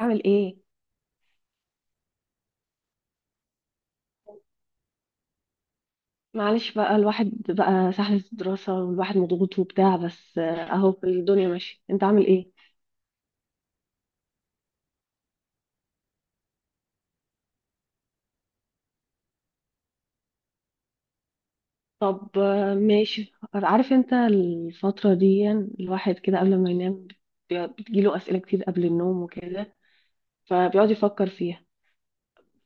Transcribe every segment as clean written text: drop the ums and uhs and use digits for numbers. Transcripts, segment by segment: اعمل ايه؟ معلش بقى الواحد بقى سحلة الدراسة، والواحد مضغوط وبتاع، بس اهو الدنيا ماشية. انت عامل ايه؟ طب، ماشي. عارف انت الفترة دي الواحد كده قبل ما ينام بتجيله اسئلة كتير قبل النوم وكده، فبيقعد يفكر فيها.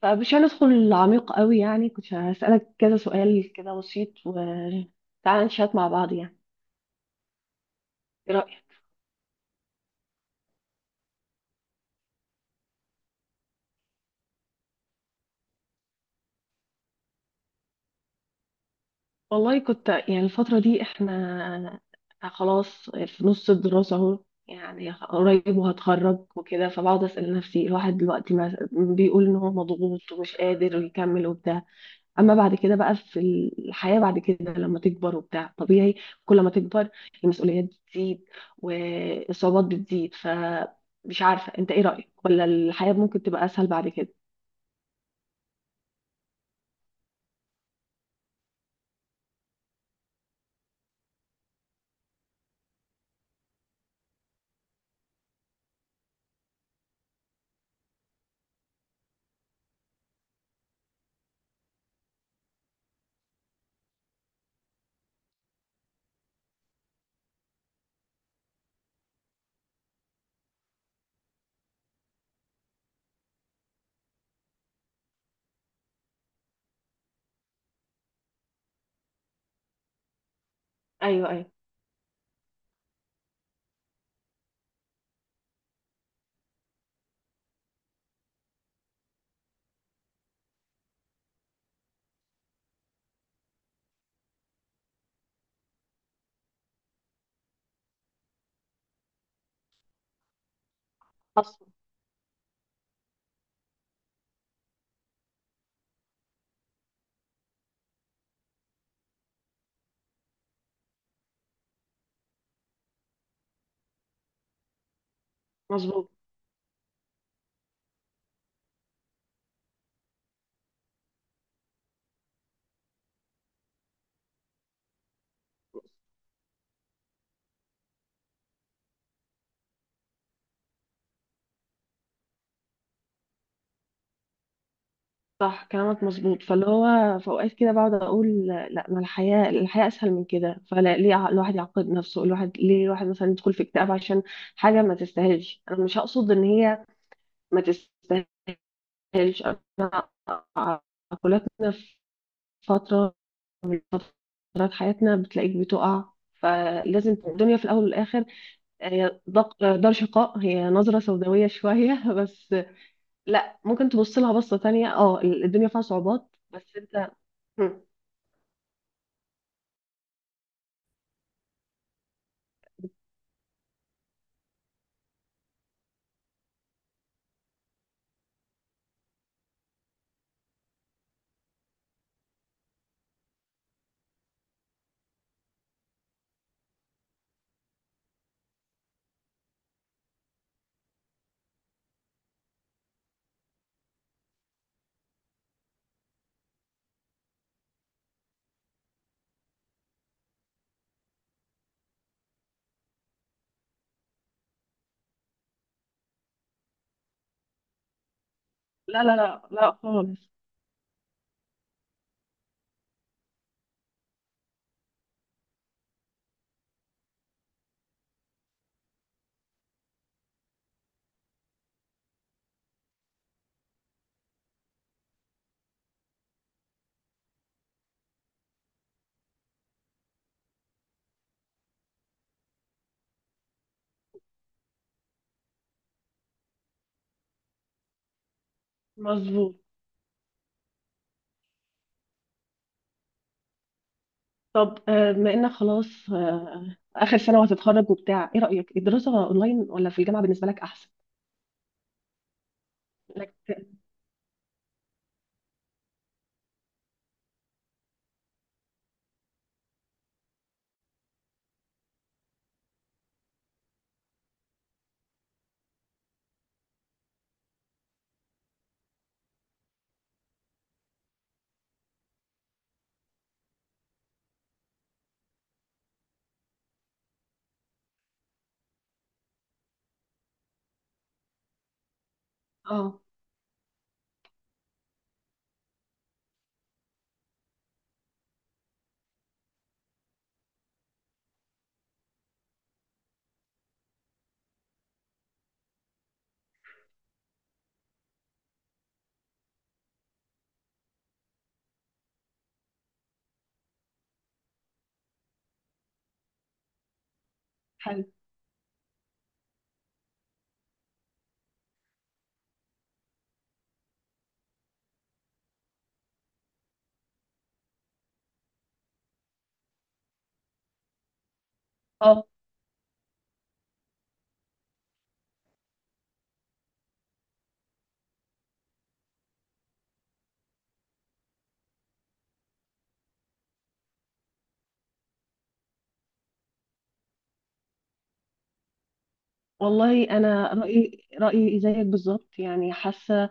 فمش هندخل عميق قوي، يعني كنت هسألك كذا سؤال كده بسيط، وتعالى نشات مع بعض يعني. ايه رأيك؟ والله كنت يعني الفترة دي احنا خلاص في نص الدراسة اهو، يعني قريب وهتخرج وكده، فبقعد أسأل نفسي الواحد دلوقتي بيقول ان هو مضغوط ومش قادر يكمل وبتاع. اما بعد كده بقى في الحياة بعد كده لما تكبر وبتاع طبيعي، كل ما تكبر المسؤوليات بتزيد والصعوبات بتزيد، فمش عارفة انت ايه رأيك، ولا الحياة ممكن تبقى اسهل بعد كده؟ ايوه، ايوه. حصل. مظبوط. صح كلامك، مظبوط. فاللي هو في اوقات كده بقعد اقول: لا، ما الحياه اسهل من كده. فلا، ليه الواحد يعقد نفسه؟ الواحد ليه الواحد مثلا يدخل في اكتئاب عشان حاجه ما تستاهلش؟ انا مش هقصد ان هي ما تستاهلش، انا عقلاتنا في فتره من فترات حياتنا بتلاقيك بتقع. فلازم الدنيا في الاول والاخر، هي دار شقاء، هي نظره سوداويه شويه بس. لا، ممكن تبص لها بصه تانية، الدنيا فيها صعوبات بس انت. لا لا لا لا خالص. مظبوط. طب، بما انك خلاص اخر سنه وهتتخرج وبتاع، ايه رايك، الدراسه اونلاين ولا في الجامعه بالنسبه لك احسن؟ لك. اه. حلو. اه، والله انا رايي زيك بالظبط، يعني حاسه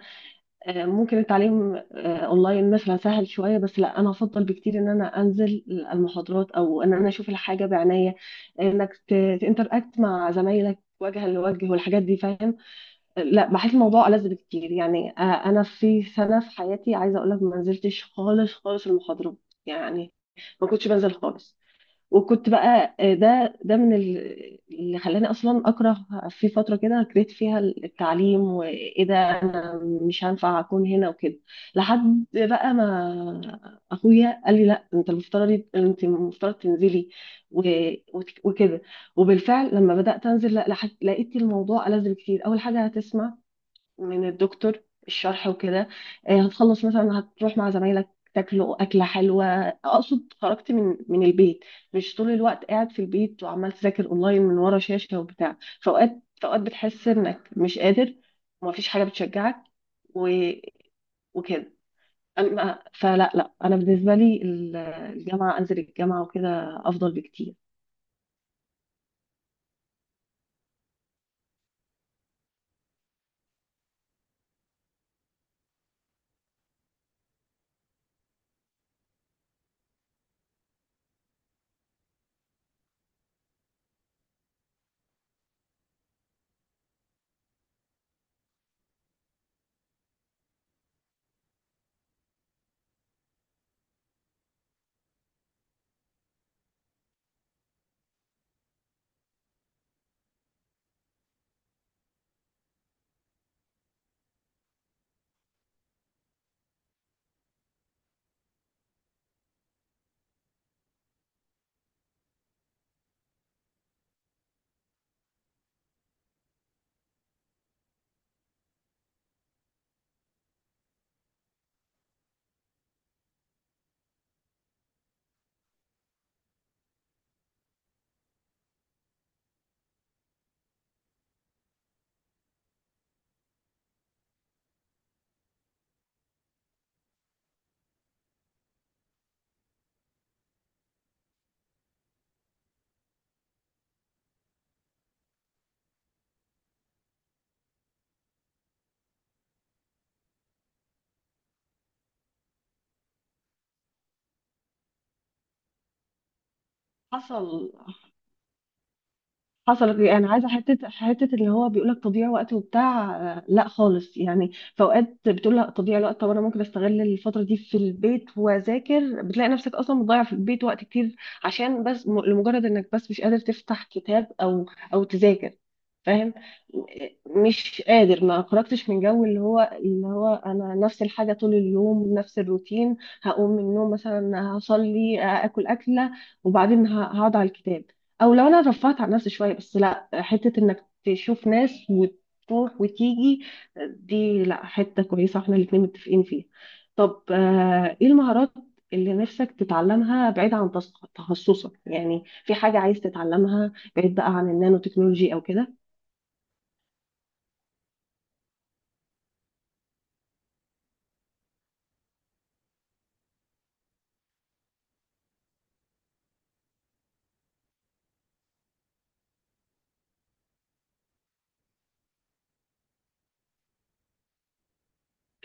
ممكن التعليم اونلاين مثلا سهل شويه، بس لا، انا افضل بكتير ان انا انزل المحاضرات، او ان انا اشوف الحاجه بعناية، انك تنتراكت مع زمايلك وجها لوجه والحاجات دي، فاهم. لا، بحس الموضوع ألذ بكتير، يعني انا في سنه في حياتي عايزه اقول لك ما نزلتش خالص خالص المحاضرات، يعني ما كنتش بنزل خالص. وكنت بقى ده من اللي خلاني اصلا اكره في فتره كده، كرهت فيها التعليم وايه ده، انا مش هينفع اكون هنا وكده. لحد بقى ما اخويا قال لي: لا، انت المفترض انت المفترض تنزلي وكده. وبالفعل لما بدات انزل، لا، لقيت الموضوع ألذ بكتير. اول حاجه، هتسمع من الدكتور الشرح وكده، هتخلص مثلا هتروح مع زمايلك تاكلوا أكلة حلوة، أقصد خرجت من البيت، مش طول الوقت قاعد في البيت وعمال تذاكر أونلاين من ورا شاشة وبتاع. فأوقات فأوقات بتحس إنك مش قادر، ومفيش حاجة بتشجعك و... وكده. أما فلا، لا، أنا بالنسبة لي الجامعة، أنزل الجامعة وكده أفضل بكتير. حصل. حصلت ايه؟ انا عايزه حته اللي هو بيقول لك تضييع وقت وبتاع، لا خالص. يعني في اوقات بتقول لا تضييع الوقت، طب انا ممكن استغل الفتره دي في البيت واذاكر، بتلاقي نفسك اصلا مضيع في البيت وقت كتير عشان بس لمجرد انك بس مش قادر تفتح كتاب او او تذاكر، فاهم. مش قادر ما خرجتش من جو اللي هو انا نفس الحاجه طول اليوم نفس الروتين، هقوم من النوم مثلا هصلي اكل اكله، وبعدين هقعد على الكتاب. او لو انا رفعت عن نفسي شويه، بس لا، حته انك تشوف ناس وتروح وتيجي، دي لا، حته كويسه احنا الاتنين متفقين فيها. طب، ايه المهارات اللي نفسك تتعلمها بعيد عن تخصصك؟ يعني في حاجه عايز تتعلمها بعيد بقى عن النانو تكنولوجي او كده؟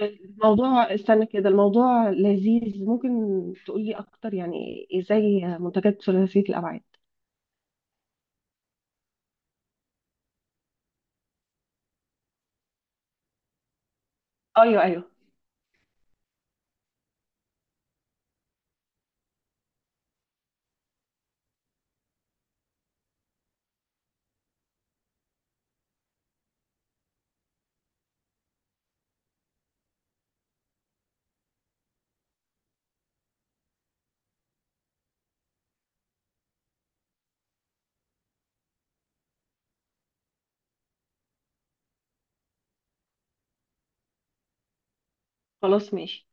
الموضوع، استنى كده، الموضوع لذيذ، ممكن تقولي اكتر؟ يعني ازاي منتجات ثلاثية الابعاد؟ ايوه، ايوه. خلاص، ماشي.